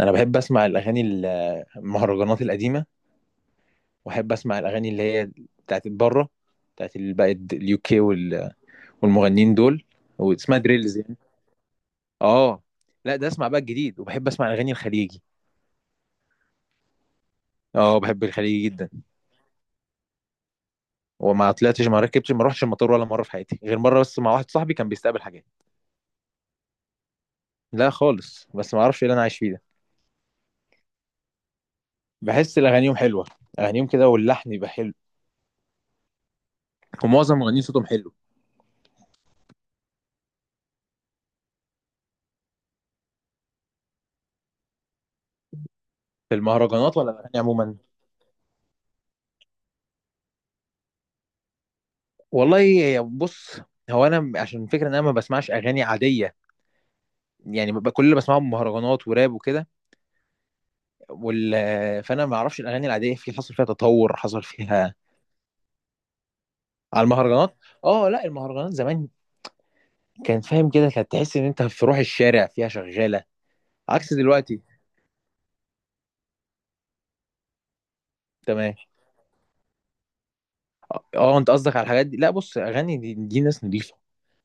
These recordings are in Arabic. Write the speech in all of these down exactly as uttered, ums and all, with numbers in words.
انا بحب اسمع الاغاني ال- المهرجانات القديمه، واحب اسمع الاغاني اللي هي بتاعت بره، بتاعت ال- بقى اليو كي والمغنيين دول، واسمها دريلز يعني. اه، لا ده اسمع بقى الجديد، وبحب اسمع الاغاني الخليجي. اه، بحب الخليجي جدا. وما طلعتش، ما ركبتش، ما روحش المطار ولا مره في حياتي، غير مره بس مع واحد صاحبي كان بيستقبل حاجات. لا خالص، بس ما اعرفش ايه اللي انا عايش فيه ده. بحس الاغانيهم حلوه، اغانيهم كده واللحن يبقى حلو. ومعظم مغنيين صوتهم حلو. في المهرجانات ولا الاغاني عموما؟ والله يا- بص، هو انا عشان الفكره ان انا ما بسمعش اغاني عاديه، يعني ببقى كل اللي بسمعهم مهرجانات وراب وكده وال... فانا ما اعرفش الاغاني العاديه، في حصل فيها تطور، حصل فيها على المهرجانات. اه لا، المهرجانات زمان كان فاهم كده، كانت تحس ان انت في روح الشارع فيها شغاله. عكس دلوقتي. تمام. اه آه، انت قصدك على الحاجات دي؟ لا بص، اغاني دي, دي ناس نضيفه،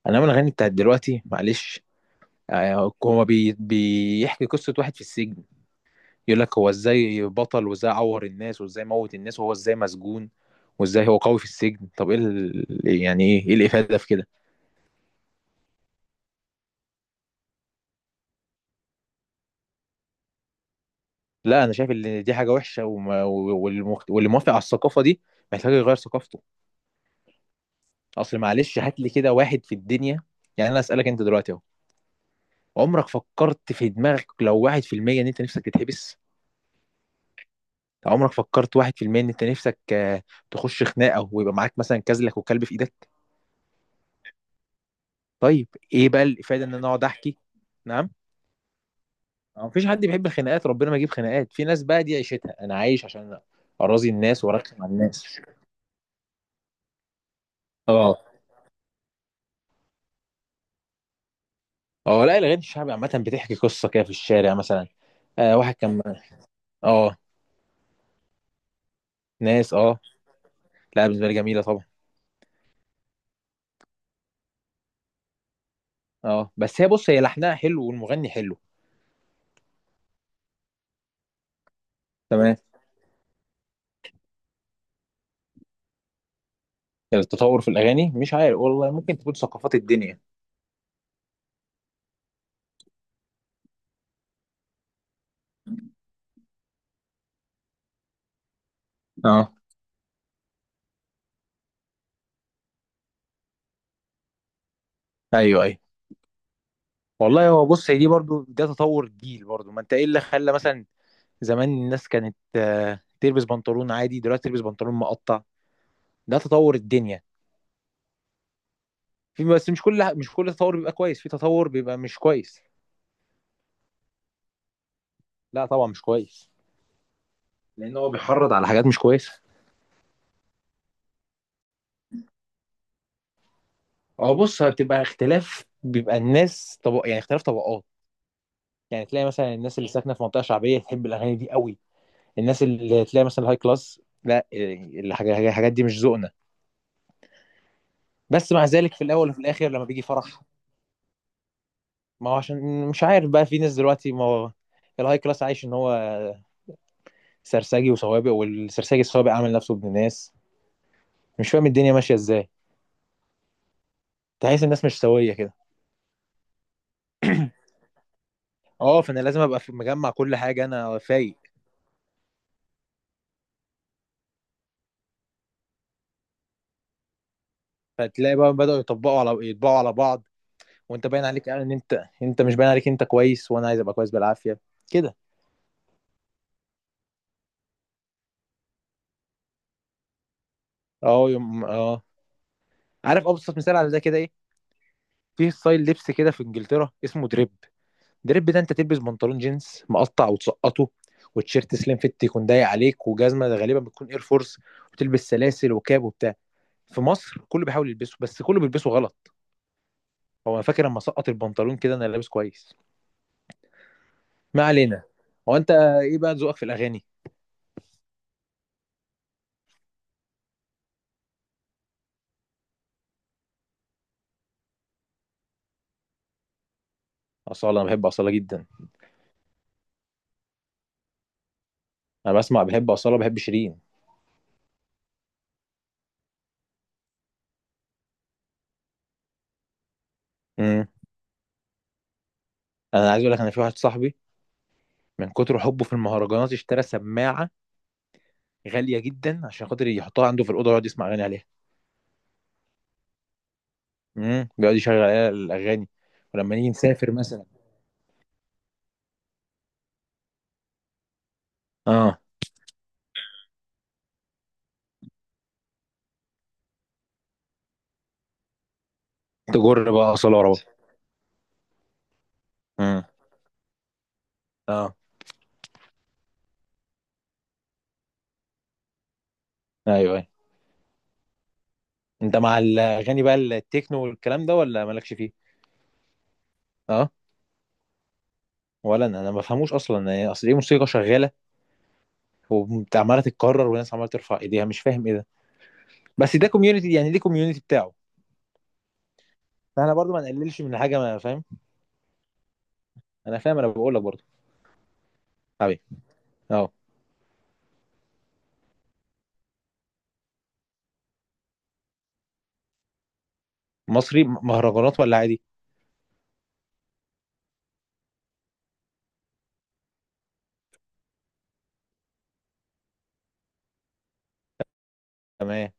انما الاغاني بتاعت دلوقتي معلش. آه، هو بي... بيحكي قصه واحد في السجن، يقول لك هو ازاي بطل، وازاي عور الناس، وازاي موت الناس، وهو ازاي مسجون، وازاي هو قوي في السجن. طب ايه ال... يعني ايه ايه الافاده في كده؟ لا انا شايف ان دي حاجه وحشه، وما... والمخ... واللي موافق على الثقافه دي محتاج يغير ثقافته. اصل معلش هات لي كده واحد في الدنيا، يعني انا اسالك انت دلوقتي اهو، عمرك فكرت في دماغك لو واحد في المية ان انت نفسك تتحبس؟ عمرك فكرت واحد في المية ان انت نفسك آه، تخش خناقه ويبقى معاك مثلا كازلك وكلب في ايدك؟ طيب ايه بقى الافاده ان انا اقعد احكي؟ نعم. ما فيش حد بيحب الخناقات، ربنا ما يجيب خناقات، في ناس بقى دي عيشتها، انا عايش عشان اراضي الناس وارخم على الناس. اه. اه لا، الاغاني الشعبي عامه بتحكي قصه كده في الشارع مثلا. آه، واحد كان. اه. ناس اه. لا بالنسبه لي جميله طبعا. اه بس هي بص، هي لحنها حلو والمغني حلو. تمام. التطور في الاغاني مش عارف والله، ممكن تكون ثقافات الدنيا. اه. ايوه ايوه. والله هو بص، هي دي برضو ده تطور جيل برضو، ما انت ايه اللي خلى مثلا زمان الناس كانت آه، تلبس بنطلون عادي، دلوقتي تلبس بنطلون مقطع؟ ده تطور الدنيا. في بس مش كل مش كل تطور بيبقى كويس، في تطور بيبقى مش كويس. لا طبعا مش كويس. لان هو بيحرض على حاجات مش كويسه. هو بص، بتبقى اختلاف، بيبقى الناس طب يعني اختلاف طبقات. يعني تلاقي مثلا الناس اللي ساكنه في منطقه شعبيه تحب الاغاني دي قوي. الناس اللي تلاقي مثلا هاي كلاس، لا إيه، الحاجة- الحاجات دي مش ذوقنا. بس مع ذلك في الاول وفي الاخر لما بيجي فرح، ما هو عشان مش عارف بقى، في ناس دلوقتي، ما هو الهاي كلاس عايش ان هو سرسجي وسوابق، والسرسجي السوابق عامل نفسه ابن ناس، مش فاهم الدنيا ماشيه ازاي. تحس الناس مش سويه كده. اه، فانا لازم ابقى في- مجمع كل حاجه، انا فايق. فتلاقي بقى بداوا يطبقوا على يطبقوا على بعض. وانت باين عليك ان انت انت مش باين عليك انت كويس، وانا عايز ابقى كويس بالعافيه كده. اه يوم اه. عارف ابسط مثال على ده كده ايه؟ في ستايل لبس كده في انجلترا اسمه دريب. دريب ده انت تلبس بنطلون جينز مقطع وتسقطه، وتيشيرت سليم فيت يكون ضيق عليك، وجزمه غالبا بتكون اير فورس، وتلبس سلاسل وكاب وبتاع. في مصر كله بيحاول يلبسه، بس كله بيلبسه غلط. هو انا فاكر لما سقط البنطلون كده انا لابس كويس. ما علينا. هو انت ايه بقى ذوقك في الاغاني؟ اصاله، انا بحب اصاله جدا. انا بسمع، بحب اصاله، بحب شيرين. امم. انا عايز اقول لك، انا في واحد صاحبي من كتر حبه في المهرجانات اشترى سماعه غاليه جدا عشان خاطر يحطها عنده في الاوضه ويقعد يسمع اغاني عليها. امم، بيقعد يشغل عليها الاغاني. ولما نيجي نسافر مثلا. اه. تجر بقى اصاله ورا بعض. امم. اه. ايوه ايوه. انت مع الاغاني بقى التكنو والكلام ده، ولا مالكش فيه؟ اه ولا انا، انا ما بفهموش اصلا، يعني اصل ايه، موسيقى شغاله وعماله تتكرر، والناس عماله ترفع ايديها، مش فاهم ايه ده. بس ده كوميونتي، يعني دي كوميونتي بتاعه، فاحنا برضو ما نقللش من حاجه ما فاهم. انا فاهم، انا بقول لك برضو. حبيبي. اه. مصري، م- مهرجانات ولا عادي؟ تمام.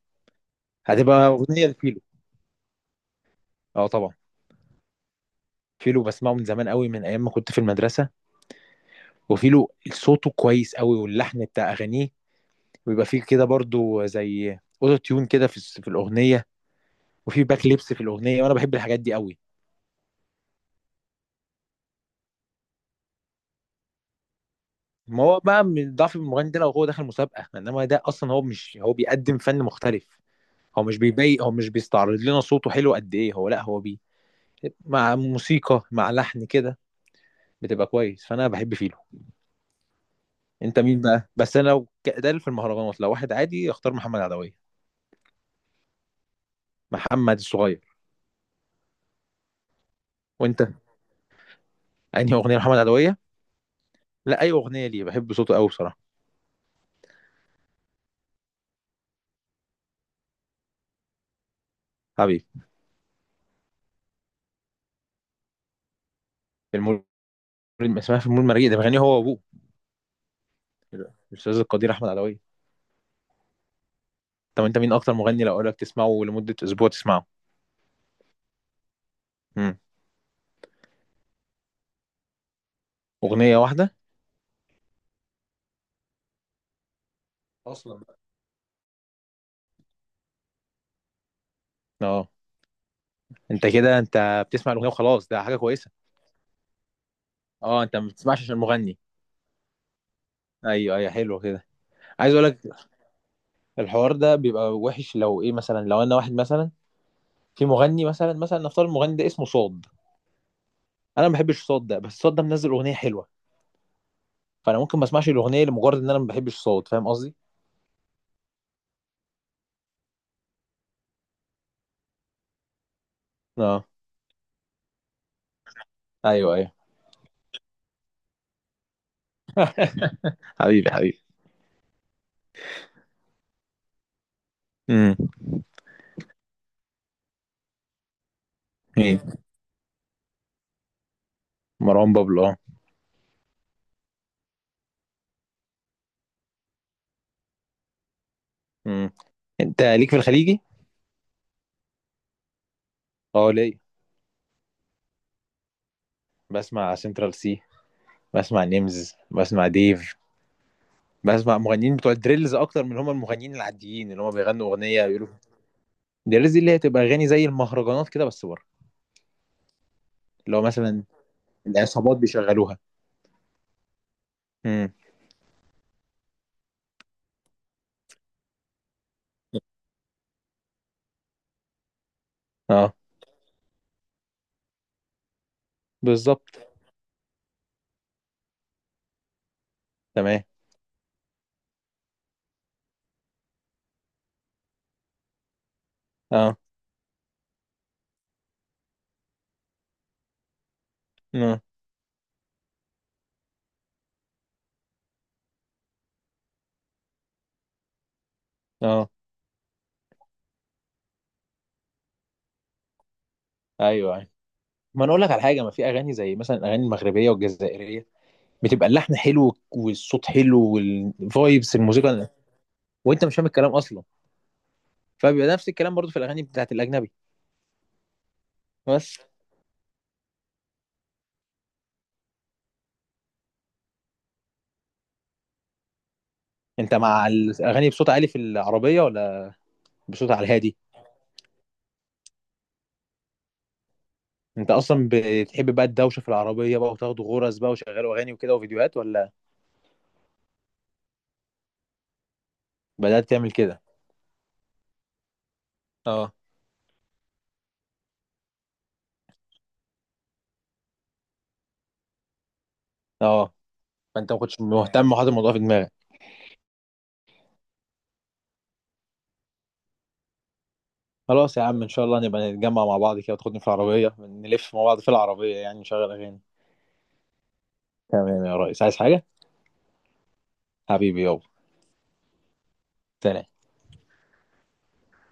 هتبقى اغنيه لفيلو. اه طبعا. فيلو بسمعه من زمان قوي، من ايام ما كنت في المدرسه. وفيلو صوته كويس قوي، واللحن بتاع اغانيه ويبقى فيه كده برضو زي اوتو تيون كده في الس- في الاغنيه، وفي باك ليبس في الاغنيه، وانا بحب الحاجات دي قوي. ما هو بقى من ضعف المغني ده لو هو داخل مسابقة، انما ده اصلا هو مش هو بيقدم فن مختلف. هو مش بيبي، هو مش بيستعرض لنا صوته حلو قد ايه، هو لا هو بي مع موسيقى مع لحن كده بتبقى كويس. فانا بحب فيلو. انت مين بقى؟ بس انا لو ك- ده في المهرجانات، لو واحد عادي اختار محمد عدوية، محمد الصغير. وانت انهي اغنية محمد عدوية؟ لا اي اغنية، ليه بحب صوته قوي بصراحة. حبيبي. المول، اسمها في المول مريء، ده بيغني هو وابوه، الاستاذ القدير احمد عدوية. طب انت مين اكتر مغني لو اقول لك تسمعه لمدة اسبوع تسمعه؟ مم. اغنيه واحده. اصلا بقى. اه. انت كده انت بتسمع الاغنيه وخلاص، ده حاجه كويسه. اه، انت ما بتسمعش عشان المغني. ايوه ايوه، حلو كده. عايز اقول لك، الحوار ده بيبقى وحش لو ايه مثلا، لو انا واحد مثلا، في مغني مثلا مثلا نفترض المغني ده اسمه صاد، انا ما بحبش صاد ده، بس صاد ده منزل اغنيه حلوه، فانا ممكن ما اسمعش الاغنيه لمجرد ان انا ما بحبش صاد. فاهم قصدي؟ اه. ايوه ايوه حبيبي حبيبي. امم. مين؟ مروان بابلو اه. امم. انت ليك في الخليجي؟ اه ليه؟ بسمع سنترال سي، بسمع نيمز، بسمع ديف، بسمع مغنيين بتوع الدريلز اكتر من هم المغنيين العاديين اللي هم بيغنوا اغنيه يقولوا. الدريلز دي اللي هي تبقى اغاني زي المهرجانات كده بس بره. اللي هو مثلا العصابات بيشغلوها. امم. اه بالظبط. تمام. اه. اه. اه. ايوه أيوة. ما انا اقول لك على حاجه، ما في اغاني زي مثلا الاغاني المغربيه والجزائريه، بتبقى اللحن حلو والصوت حلو والفايبس الموسيقى، وانت مش فاهم الكلام اصلا. فبيبقى نفس الكلام برضو في الاغاني بتاعت الاجنبي. بس. انت مع الاغاني بصوت عالي في العربيه، ولا بصوت على الهادي؟ انت اصلا بتحب بقى الدوشه في العربيه بقى، وتاخدوا غرز بقى وشغلوا اغاني وكده وفيديوهات، ولا؟ بدات تعمل كده. اه. اه، فانت ما كنتش مهتم وحاطط الموضوع في دماغك. خلاص يا عم، ان شاء الله نبقى نتجمع مع بعض كده وتاخدني في العربيه، نلف مع بعض في العربيه، يعني نشغل اغاني. تمام يا ريس، عايز حاجه؟ حبيبي يابا. سلام.